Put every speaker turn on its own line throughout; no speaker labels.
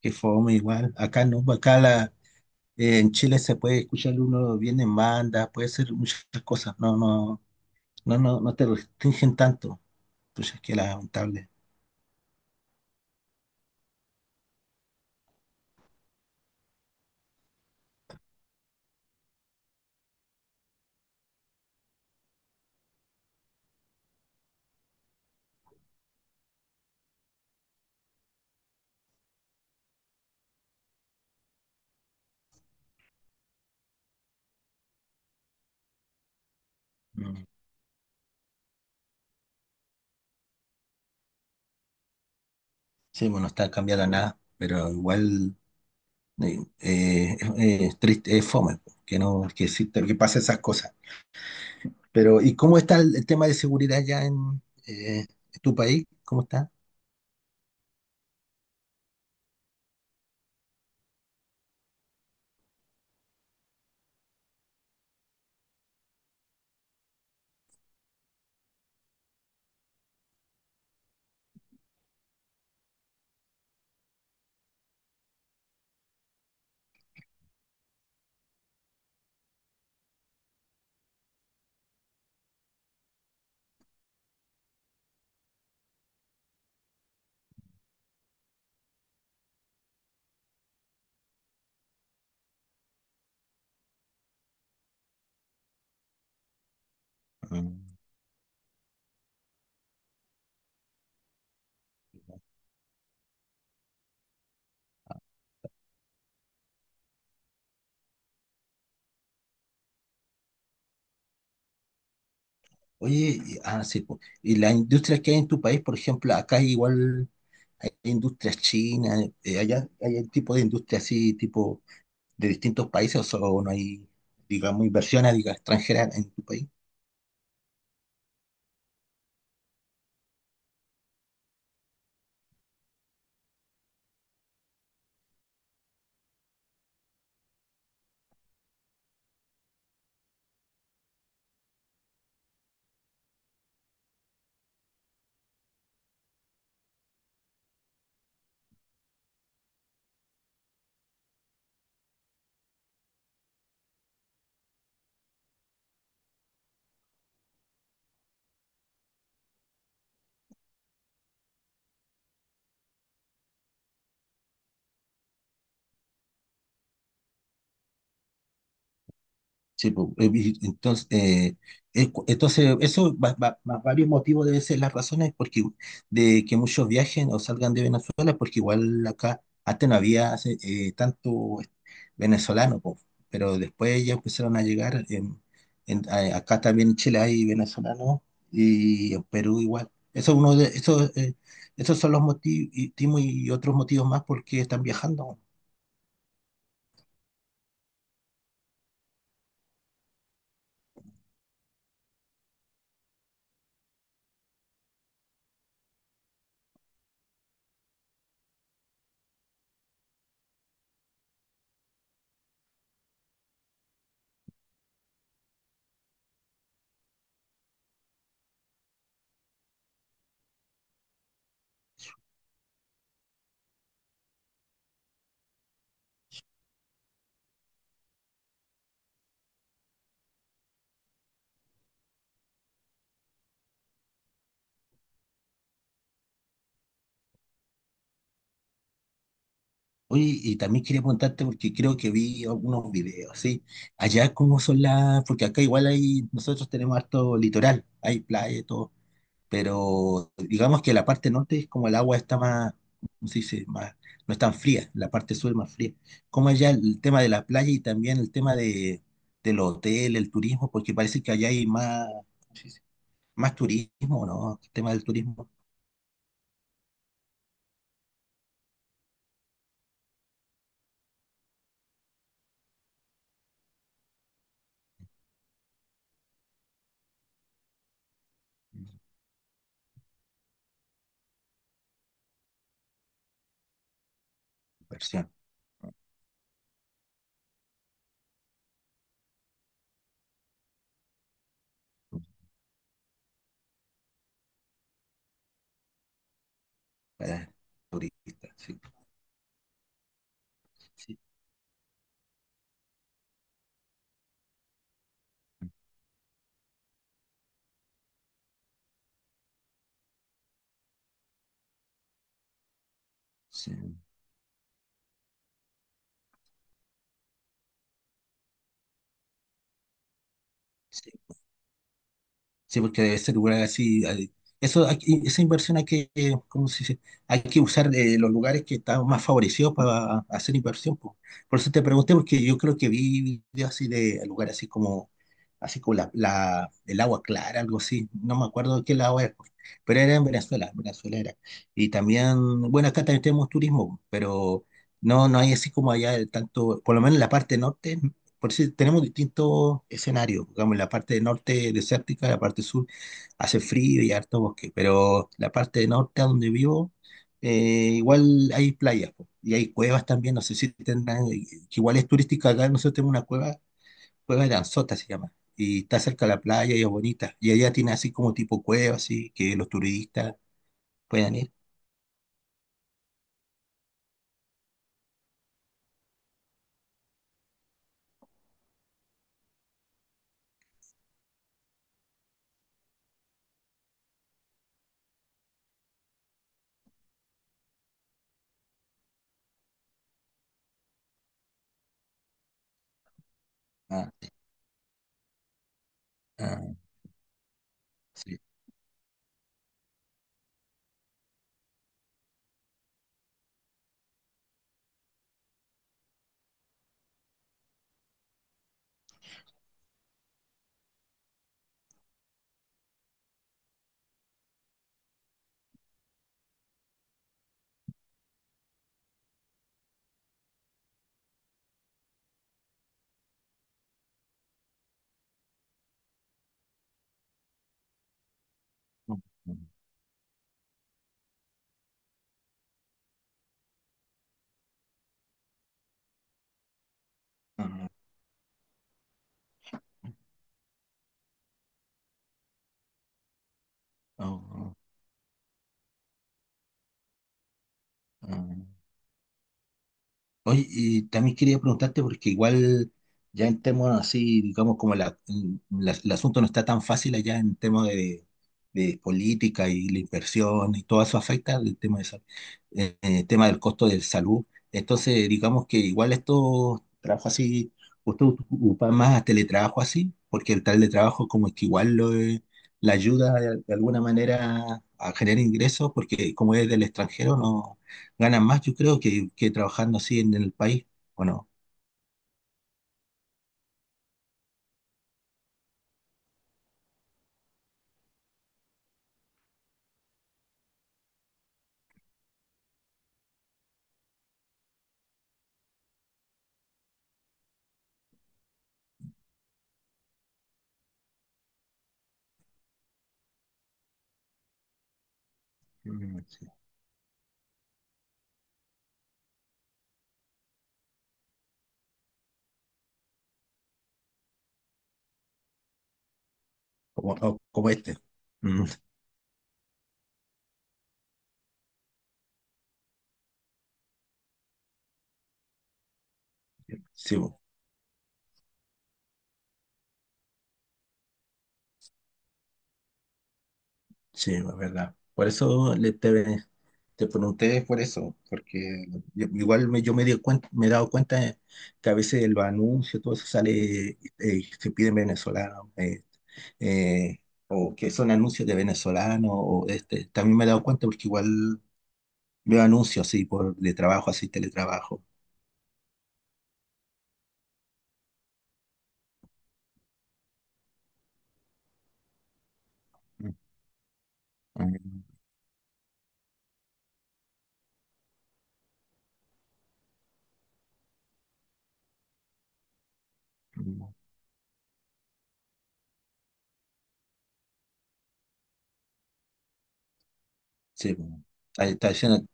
Que fome igual. Acá no, acá la, en Chile se puede escuchar uno bien en banda, puede ser muchas cosas. No, no te restringen tanto. Pues es que lamentable. Mm. Sí, bueno, no está cambiada nada, pero igual es triste, es fome po, que no, que exista, que pasen esas cosas. Pero, ¿y cómo está el tema de seguridad ya en tu país? ¿Cómo está? Mm. Oye, sí, po. Y las industrias que hay en tu país, por ejemplo, acá hay igual hay industrias chinas, allá hay un tipo de industria así, tipo de distintos países, o, solo no hay, digamos, inversiones, diga, extranjeras en tu país. Sí, po, entonces, entonces eso, varios motivos deben ser las razones porque, de que muchos viajen o salgan de Venezuela, porque igual acá antes no había hace, tanto venezolano, po, pero después ya empezaron a llegar, acá también en Chile hay venezolanos y en Perú igual. Eso es uno de, eso, esos son los motivos y otros motivos más porque están viajando. Oye, y también quería preguntarte porque creo que vi algunos videos, ¿sí? Allá cómo son las, porque acá igual hay, nosotros tenemos harto litoral, hay playa y todo, pero digamos que la parte norte es como el agua está más, ¿cómo se dice? Más, no es tan fría, la parte sur es más fría. ¿Cómo allá el tema de la playa y también el tema de, del hotel, el turismo? Porque parece que allá hay más, ¿cómo se dice? Más turismo, ¿no? El tema del turismo, inversión para turistas, sí. Sí, sí. Sí. Sí, porque debe ser lugar así. Eso, esa inversión hay que, ¿cómo se dice? Hay que usar los lugares que están más favorecidos para hacer inversión, po. Por eso te pregunté, porque yo creo que vi videos así de lugares así como la, el agua clara, algo así. No me acuerdo de qué lado es, pero era en Venezuela era. Y también, bueno, acá también tenemos turismo, pero no, no hay así como allá de tanto, por lo menos en la parte norte, por eso tenemos distintos escenarios. Digamos, en la parte del norte desértica, la parte sur hace frío y harto bosque, pero la parte del norte, a donde vivo, igual hay playas po, y hay cuevas también. No sé si tendrán, que igual es turística acá. Nosotros tenemos una cueva, Cueva de Anzota se llama, y está cerca de la playa y es bonita. Y allá tiene así como tipo cueva, así que los turistas puedan ir. Ah, ah, sí. Ah, ah, ah, ah. Oye, y también quería preguntarte, porque igual ya en temas así, digamos, como la, mm, el asunto no está tan fácil allá en temas de política y la inversión y todo eso afecta el tema de tema del costo de salud. Entonces, digamos que igual estos trabajos así, usted ocupa más a teletrabajo así, porque el teletrabajo como que igual lo, la ayuda de alguna manera a generar ingresos, porque como es del extranjero, no ganan más, yo creo, que trabajando así en el país, ¿o no? Mm, sí. Como, como este. Mm, sí, bo, sí, es verdad. Por eso le, te pregunté por eso, porque igual me, yo me di cuenta, me he dado cuenta que a veces el anuncio todo eso sale, se piden venezolanos, eh, o que son anuncios de venezolanos, o este, también me he dado cuenta porque igual veo anuncios así por de trabajo, así teletrabajo. Mm, mm. Sí, pues. Ahí está diciendo,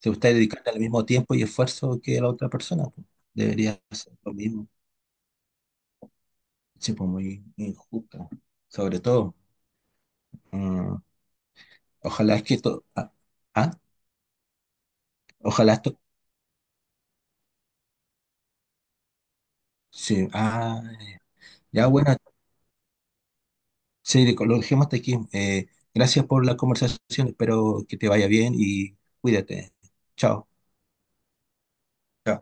te gusta dedicarte al mismo tiempo y esfuerzo que la otra persona, pues. Debería ser lo mismo. Sí, pues muy injusto. Sobre todo. Mm, ojalá es que esto. Ah, ah, ojalá esto. Sí, ah, ya bueno, sí, lo dejemos hasta aquí. Gracias por la conversación. Espero que te vaya bien y cuídate. Chao. Chao.